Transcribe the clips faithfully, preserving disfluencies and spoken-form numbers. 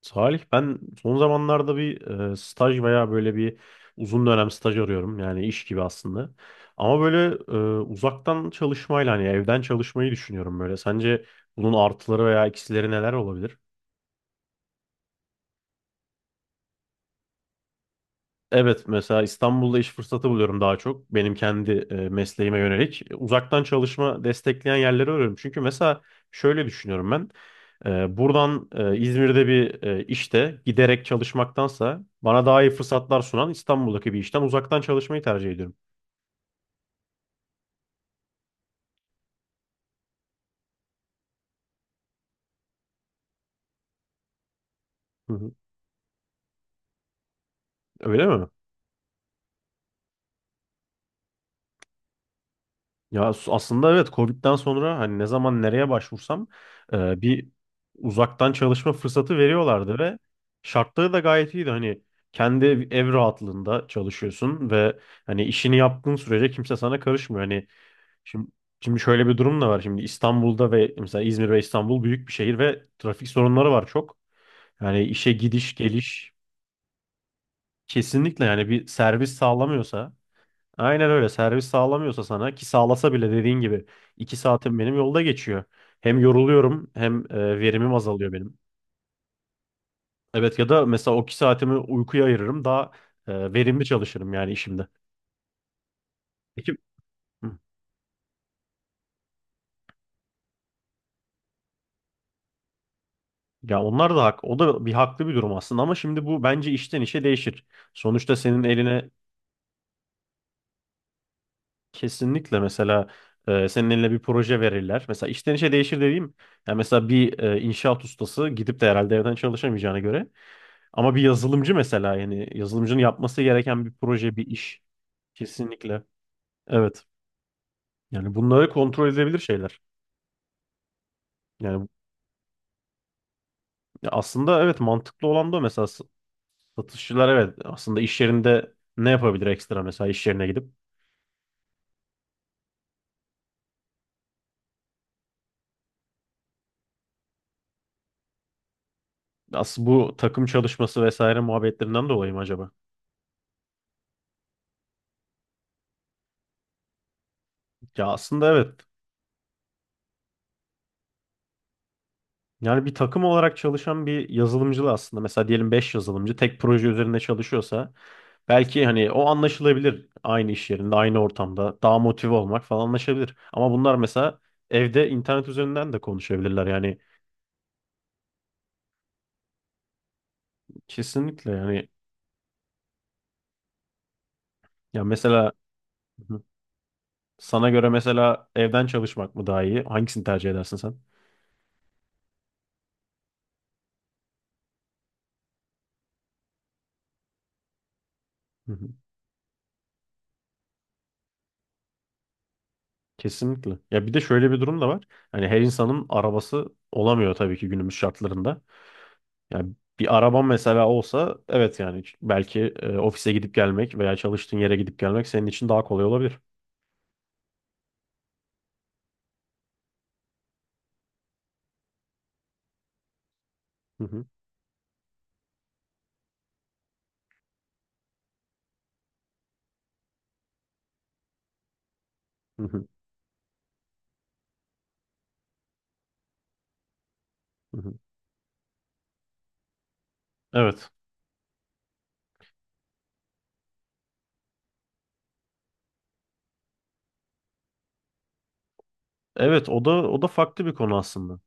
Salih ben son zamanlarda bir e, staj veya böyle bir uzun dönem staj arıyorum. Yani iş gibi aslında. Ama böyle e, uzaktan çalışmayla hani evden çalışmayı düşünüyorum böyle. Sence bunun artıları veya eksileri neler olabilir? Evet mesela İstanbul'da iş fırsatı buluyorum daha çok benim kendi e, mesleğime yönelik. E, Uzaktan çalışma destekleyen yerleri arıyorum. Çünkü mesela şöyle düşünüyorum ben. E, buradan e, İzmir'de bir e, işte giderek çalışmaktansa bana daha iyi fırsatlar sunan İstanbul'daki bir işten uzaktan çalışmayı tercih ediyorum. Hı hı. Öyle mi? Ya s- aslında evet Covid'den sonra hani ne zaman nereye başvursam e, bir uzaktan çalışma fırsatı veriyorlardı ve şartları da gayet iyiydi. Hani kendi ev ev rahatlığında çalışıyorsun ve hani işini yaptığın sürece kimse sana karışmıyor. Hani şimdi şimdi şöyle bir durum da var. Şimdi İstanbul'da ve mesela İzmir ve İstanbul büyük bir şehir ve trafik sorunları var çok. Yani işe gidiş geliş kesinlikle yani bir servis sağlamıyorsa. Aynen öyle. Servis sağlamıyorsa sana ki sağlasa bile dediğin gibi iki saatim benim yolda geçiyor. Hem yoruluyorum hem e, verimim azalıyor benim. Evet ya da mesela o iki saatimi uykuya ayırırım daha e, verimli çalışırım yani işimde. Peki. Hı. Ya onlar da hak. O da bir haklı bir durum aslında ama şimdi bu bence işten işe değişir. Sonuçta senin eline kesinlikle mesela e, senin eline bir proje verirler. Mesela işten işe değişir dediğim yani mesela bir e, inşaat ustası gidip de herhalde evden çalışamayacağına göre. Ama bir yazılımcı mesela yani yazılımcının yapması gereken bir proje, bir iş. Kesinlikle. Evet. Yani bunları kontrol edebilir şeyler. Yani aslında evet mantıklı olan da o. Mesela s- satışçılar, evet, aslında iş yerinde ne yapabilir ekstra mesela iş yerine gidip. Aslında bu takım çalışması vesaire muhabbetlerinden dolayı mı acaba? Ya aslında evet. Yani bir takım olarak çalışan bir yazılımcı da aslında mesela diyelim beş yazılımcı tek proje üzerinde çalışıyorsa belki hani o anlaşılabilir aynı iş yerinde, aynı ortamda daha motive olmak falan anlaşılabilir. Ama bunlar mesela evde internet üzerinden de konuşabilirler yani kesinlikle yani ya mesela. Hı hı. Sana göre mesela evden çalışmak mı daha iyi? Hangisini tercih edersin sen? Hı hı. Kesinlikle. Ya bir de şöyle bir durum da var. Hani her insanın arabası olamıyor tabii ki günümüz şartlarında. Yani bir araban mesela olsa evet yani belki e, ofise gidip gelmek veya çalıştığın yere gidip gelmek senin için daha kolay olabilir. Hı hı. Hı hı. Hı hı. Evet. Evet, o da o da farklı bir konu aslında.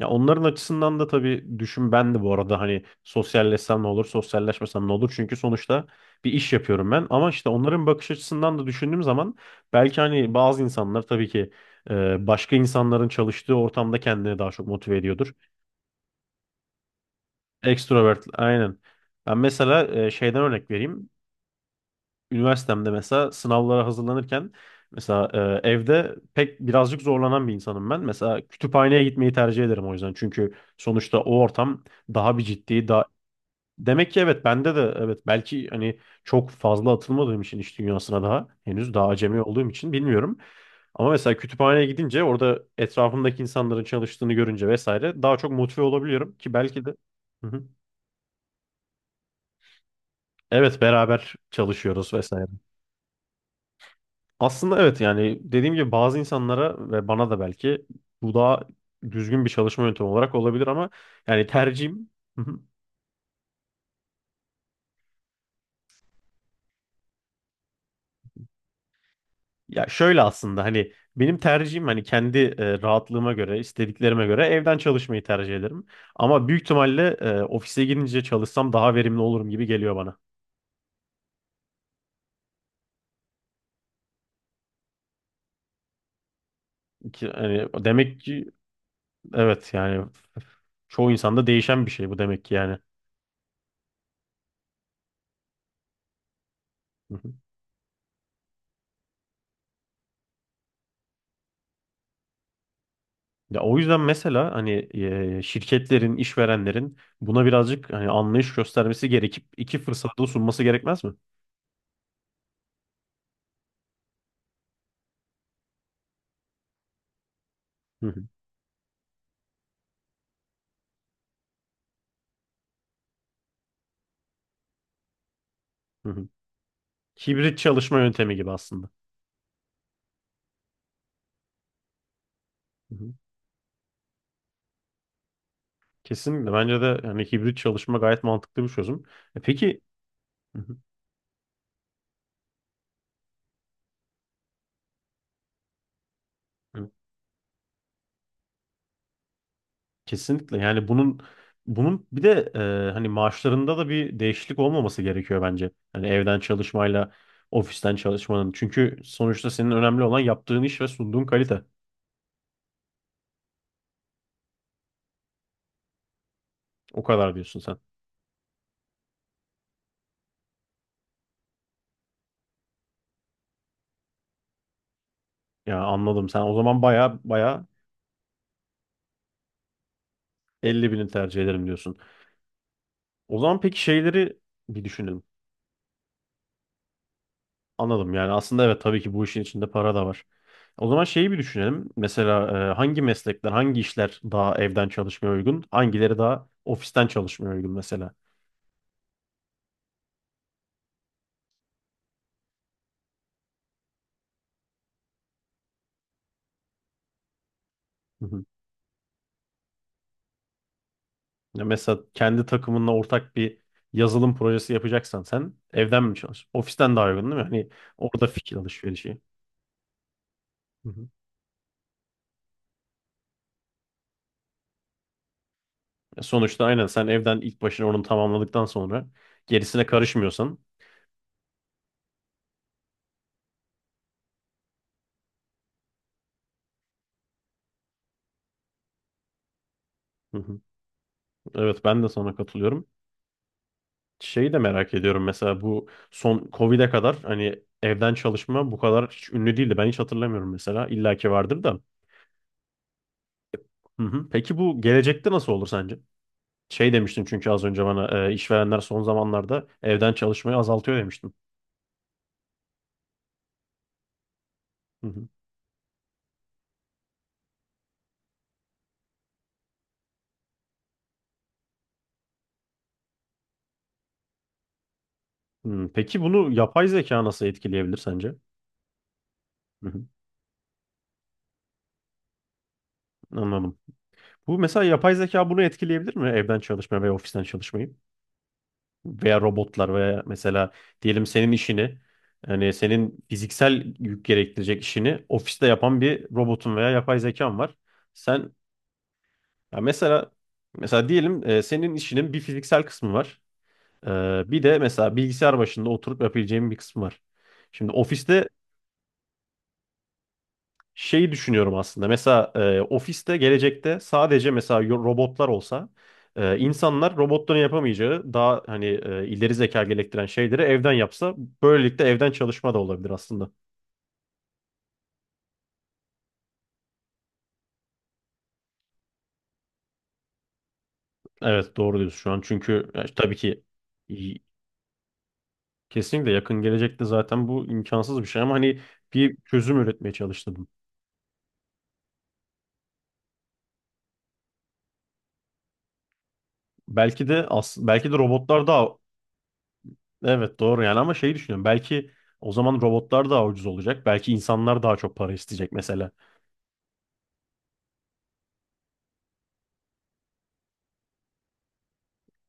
Ya onların açısından da tabii düşün, ben de bu arada hani sosyalleşsem ne olur, sosyalleşmesem ne olur? Çünkü sonuçta bir iş yapıyorum ben. Ama işte onların bakış açısından da düşündüğüm zaman belki hani bazı insanlar tabii ki e, başka insanların çalıştığı ortamda kendini daha çok motive ediyordur. Extrovert aynen. Ben mesela e, şeyden örnek vereyim. Üniversitemde mesela sınavlara hazırlanırken mesela e, evde pek birazcık zorlanan bir insanım ben. Mesela kütüphaneye gitmeyi tercih ederim o yüzden. Çünkü sonuçta o ortam daha bir ciddi, daha. Demek ki evet, bende de evet belki hani çok fazla atılmadığım için iş dünyasına daha henüz daha acemi olduğum için bilmiyorum. Ama mesela kütüphaneye gidince orada etrafımdaki insanların çalıştığını görünce vesaire daha çok motive olabiliyorum ki belki de. Hı hı. Evet beraber çalışıyoruz vesaire. Aslında evet yani dediğim gibi bazı insanlara ve bana da belki bu daha düzgün bir çalışma yöntemi olarak olabilir ama yani tercihim. Hı hı. Ya şöyle aslında hani benim tercihim hani kendi e, rahatlığıma göre istediklerime göre evden çalışmayı tercih ederim. Ama büyük ihtimalle e, ofise gidince çalışsam daha verimli olurum gibi geliyor bana. Ki, hani demek ki evet yani çoğu insanda değişen bir şey bu demek ki yani. Ya o yüzden mesela hani e, şirketlerin, işverenlerin buna birazcık hani anlayış göstermesi gerekip iki fırsatı da sunması gerekmez mi? Hı hı, hı hı. Hibrit çalışma yöntemi gibi aslında. Hı hı. Kesinlikle bence de hani hibrit çalışma gayet mantıklı bir çözüm. E peki. Hı hı, hı. Kesinlikle yani bunun bunun bir de e, hani maaşlarında da bir değişiklik olmaması gerekiyor bence. Hani evden çalışmayla ofisten çalışmanın. Çünkü sonuçta senin önemli olan yaptığın iş ve sunduğun kalite. O kadar diyorsun sen. Ya anladım. Sen o zaman baya baya elli bini tercih ederim diyorsun. O zaman peki şeyleri bir düşünelim. Anladım yani aslında evet tabii ki bu işin içinde para da var. O zaman şeyi bir düşünelim. Mesela e, hangi meslekler, hangi işler daha evden çalışmaya uygun, hangileri daha ofisten çalışmaya uygun mesela. Hı hı. Ya mesela kendi takımınla ortak bir yazılım projesi yapacaksan sen evden mi çalış? Ofisten daha uygun değil mi? Hani orada fikir alışverişi. Hı hı. Ya sonuçta aynen sen evden ilk başına onu tamamladıktan sonra gerisine karışmıyorsan. Hı hı. Evet ben de sana katılıyorum. Şeyi de merak ediyorum mesela bu son Covid'e kadar hani evden çalışma bu kadar hiç ünlü değildi. Ben hiç hatırlamıyorum mesela. İlla ki vardır da. Hı hı. Peki bu gelecekte nasıl olur sence? Şey demiştin çünkü az önce bana e, işverenler son zamanlarda evden çalışmayı azaltıyor demiştin. Hı hı. Hı, peki bunu yapay zeka nasıl etkileyebilir sence? Hı hı. Anladım. Bu mesela yapay zeka bunu etkileyebilir mi evden çalışma ve ofisten çalışmayı? Veya robotlar veya mesela diyelim senin işini, yani senin fiziksel yük gerektirecek işini ofiste yapan bir robotun veya yapay zekan var. Sen ya mesela mesela diyelim e, senin işinin bir fiziksel kısmı var. E, Bir de mesela bilgisayar başında oturup yapabileceğin bir kısmı var. Şimdi ofiste şeyi düşünüyorum aslında. Mesela e, ofiste gelecekte sadece mesela yo- robotlar olsa e, insanlar robotların yapamayacağı daha hani e, ileri zeka gerektiren şeyleri evden yapsa böylelikle evden çalışma da olabilir aslında. Evet doğru diyorsun şu an çünkü e, tabii ki y- kesinlikle yakın gelecekte zaten bu imkansız bir şey ama hani bir çözüm üretmeye çalıştım. Belki de as belki de robotlar daha evet doğru yani ama şeyi düşünüyorum belki o zaman robotlar daha ucuz olacak belki insanlar daha çok para isteyecek mesela.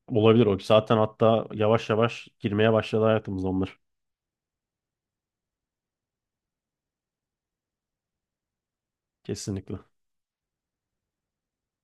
Olabilir o. Zaten hatta yavaş yavaş girmeye başladı hayatımıza onlar. Kesinlikle.